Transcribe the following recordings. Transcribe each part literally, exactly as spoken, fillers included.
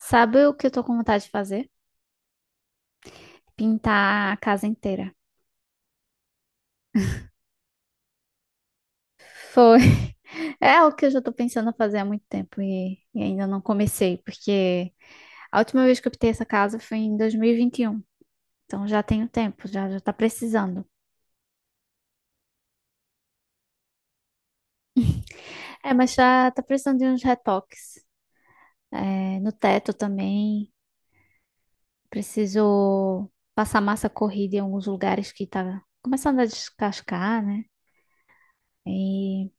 Sabe o que eu tô com vontade de fazer? Pintar a casa inteira. Foi. É o que eu já tô pensando em fazer há muito tempo e, e ainda não comecei, porque a última vez que eu pintei essa casa foi em dois mil e e vinte e um. Então já tenho tempo, já, já tá precisando. É, mas já tá precisando de uns retoques. É, no teto também. Preciso passar massa corrida em alguns lugares que tá começando a descascar, né? E.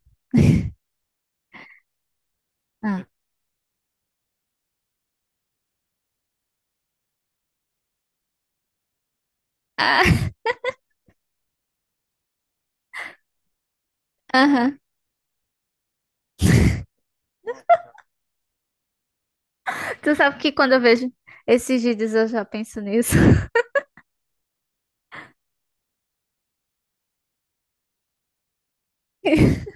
Ah. Ah, tu sabe que quando eu vejo esses vídeos eu já penso nisso.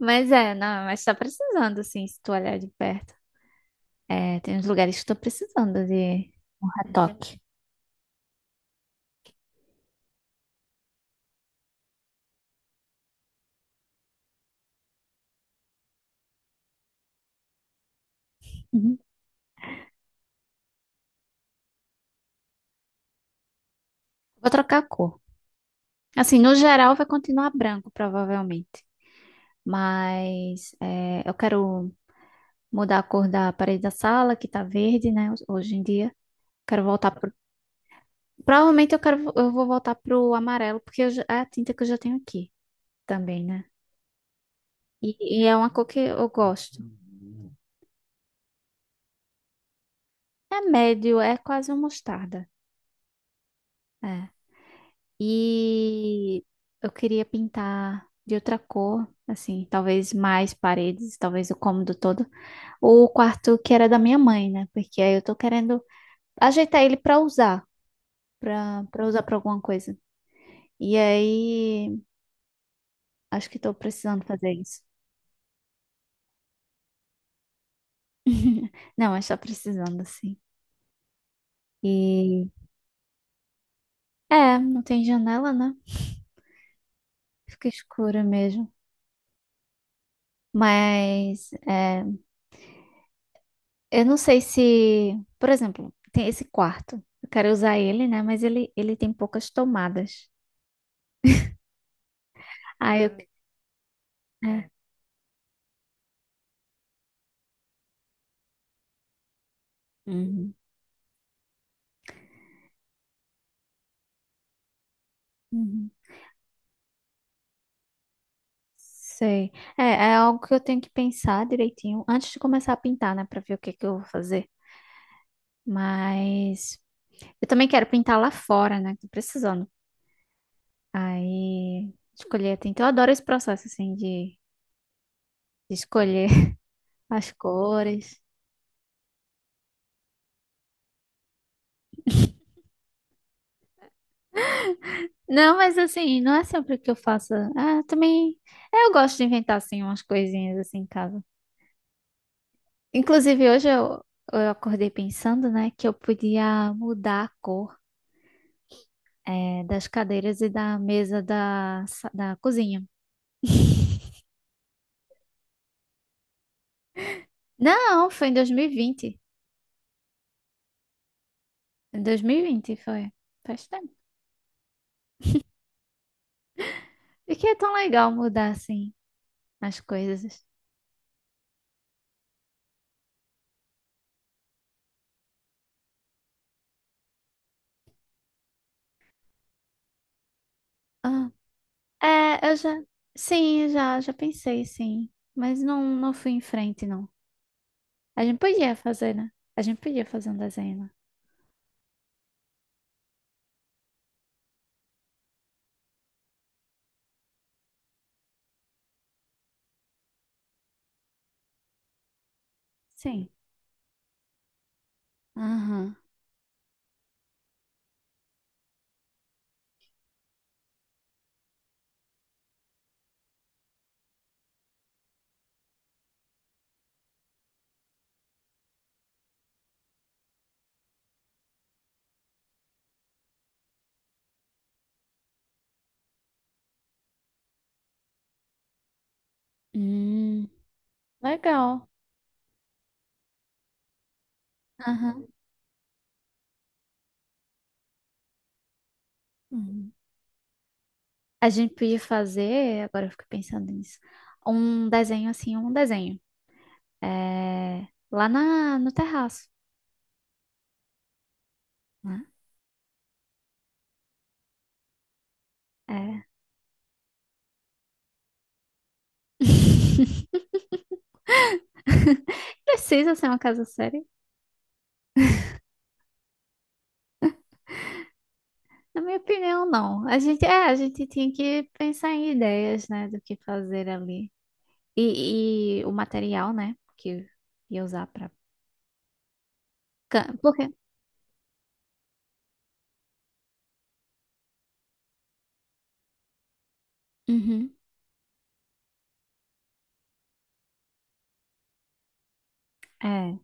Mas é, não, mas tá precisando, assim, se tu olhar de perto. É, tem uns lugares que estou precisando de um retoque. Uhum. Vou trocar a cor. Assim, no geral vai continuar branco, provavelmente. Mas é, eu quero mudar a cor da parede da sala, que tá verde, né, hoje em dia. Quero voltar pro... Provavelmente eu quero, eu vou voltar pro amarelo, porque eu já- é a tinta que eu já tenho aqui também, né? E, e é uma cor que eu gosto. É médio, é quase uma mostarda. É. E eu queria pintar de outra cor, assim, talvez mais paredes, talvez o cômodo todo. O quarto que era da minha mãe, né? Porque aí eu tô querendo ajeitar ele pra usar, pra para usar pra alguma coisa. E aí, acho que tô precisando fazer isso. Não, mas tá precisando, assim. E é, não tem janela, né? Fica escura mesmo. Mas é, eu não sei se, por exemplo, tem esse quarto. Eu quero usar ele, né? Mas ele, ele tem poucas tomadas. Ah, eu. Hum. É. Uhum, uhum. Sei. É, é algo que eu tenho que pensar direitinho antes de começar a pintar, né? Pra ver o que que eu vou fazer. Mas eu também quero pintar lá fora, né? Tô precisando. Aí escolher. Então, eu adoro esse processo, assim, de, de escolher as cores. Não, mas assim, não é sempre que eu faça. Ah, também. É, eu gosto de inventar assim umas coisinhas assim em casa. Inclusive, hoje eu, eu acordei pensando, né, que eu podia mudar a cor, é, das cadeiras e da mesa da, sa- da cozinha. Não, foi em dois mil e vinte. Em dois mil e vinte foi. Faz tempo. E que é tão legal mudar assim as coisas. Ah, é, eu já. Sim, eu já, já pensei, sim. Mas não, não fui em frente, não. A gente podia fazer, né? A gente podia fazer um desenho, né? Sim. Aham. Hum, legal. Aham. Uhum. A gente podia fazer, agora eu fico pensando nisso, um desenho assim, um desenho. É, lá na, no terraço, né? É. Precisa ser uma casa séria? Na minha opinião, não. A gente, é, a gente tinha que pensar em ideias, né, do que fazer ali. E, e o material, né, que ia usar pra... can- Porque... Uhum. É.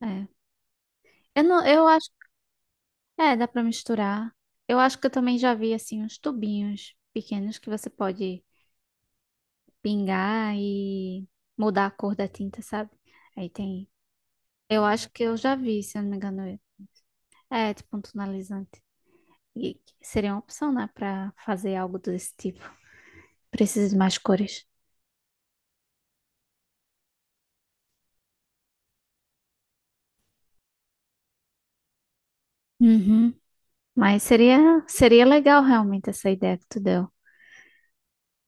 É. Eu não, eu acho, é, dá pra misturar. Eu acho que eu também já vi assim uns tubinhos pequenos que você pode pingar e mudar a cor da tinta, sabe? Aí tem. Eu acho que eu já vi, se eu não me engano. É, tipo um tonalizante. E seria uma opção, né, pra fazer algo desse tipo. Preciso de mais cores. Uhum. Mas seria, seria legal realmente essa ideia que tu deu.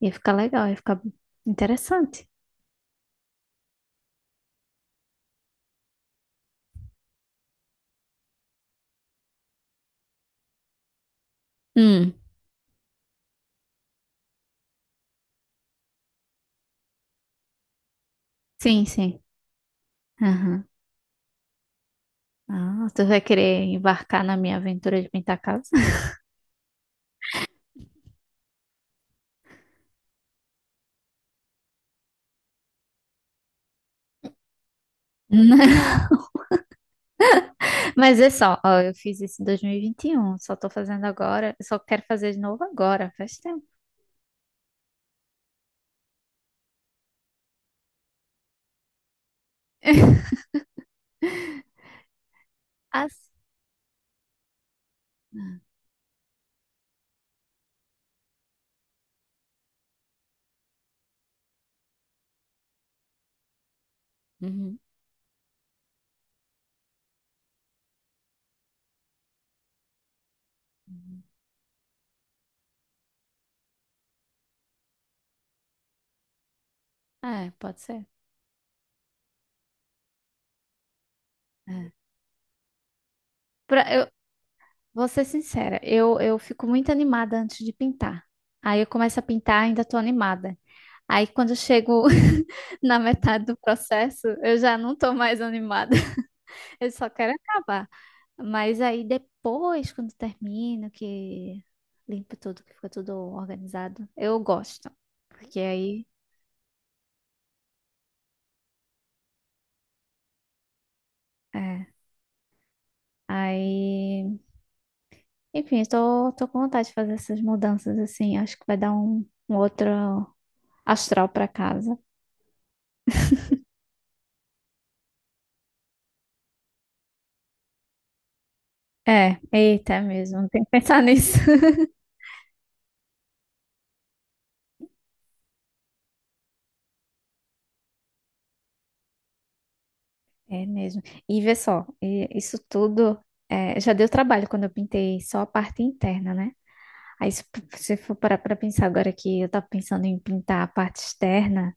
Ia ficar legal, ia ficar interessante. Hum. Sim, sim. Aham. Ah, tu vai querer embarcar na minha aventura de pintar casa? Mas é só, ó, eu fiz isso em dois mil e e vinte e um. Só tô fazendo agora, só quero fazer de novo agora, faz tempo. As- Uhum. Uhum. É, pode ser. É. Pra, eu vou ser sincera, eu, eu fico muito animada antes de pintar. Aí eu começo a pintar, ainda tô animada. Aí quando eu chego na metade do processo, eu já não tô mais animada. Eu só quero acabar. Mas aí depois, quando termino, que limpo tudo, que fica tudo organizado, eu gosto. Porque aí, é, aí, enfim, estou tô, tô com vontade de fazer essas mudanças assim. Acho que vai dar um, um outro astral para casa. É, eita, é mesmo, tem que pensar nisso. É mesmo. E vê só, e- isso tudo é, já deu trabalho quando eu pintei só a parte interna, né? Aí se você for parar para pensar agora que eu tava pensando em pintar a parte externa.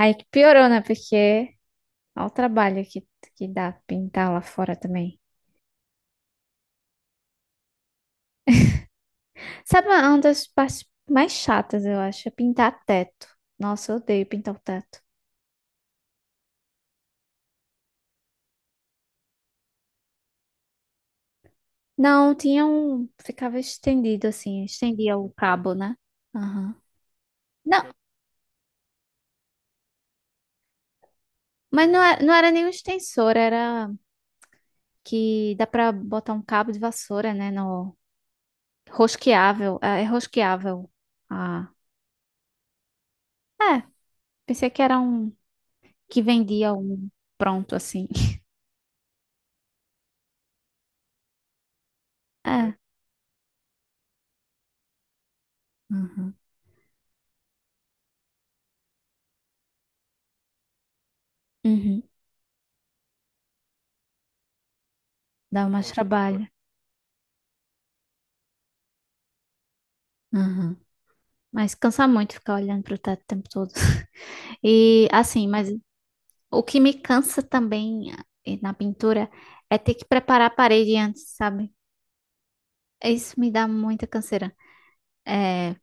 Aí que piorou, né? Porque olha o trabalho que, que dá pintar lá fora também. Sabe uma uma das partes mais chatas, eu acho, é pintar teto. Nossa, eu odeio pintar o teto. Não, tinha um. Ficava estendido assim, estendia o cabo, né? Aham. Não, mas não era, não era nenhum extensor, era que dá pra botar um cabo de vassoura, né? No rosqueável. É, é rosqueável. Ah, é. Pensei que era um que vendia um pronto assim. É. Uhum. Uhum. Dá mais Cansa trabalho. Né? Aham. Mas cansa muito ficar olhando para o teto o tempo todo. E assim, mas o que me cansa também eh, na pintura é ter que preparar a parede antes, sabe? Isso me dá muita canseira. É,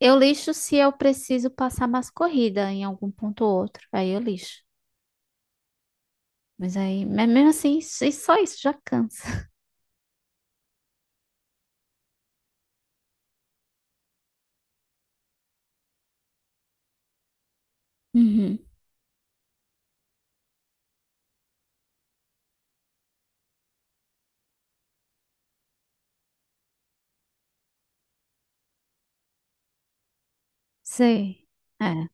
eu lixo se eu preciso passar mais corrida em algum ponto ou outro. Aí eu lixo. Mas aí, mas mesmo assim, isso- isso- só isso já cansa. Uhum. Sei. É.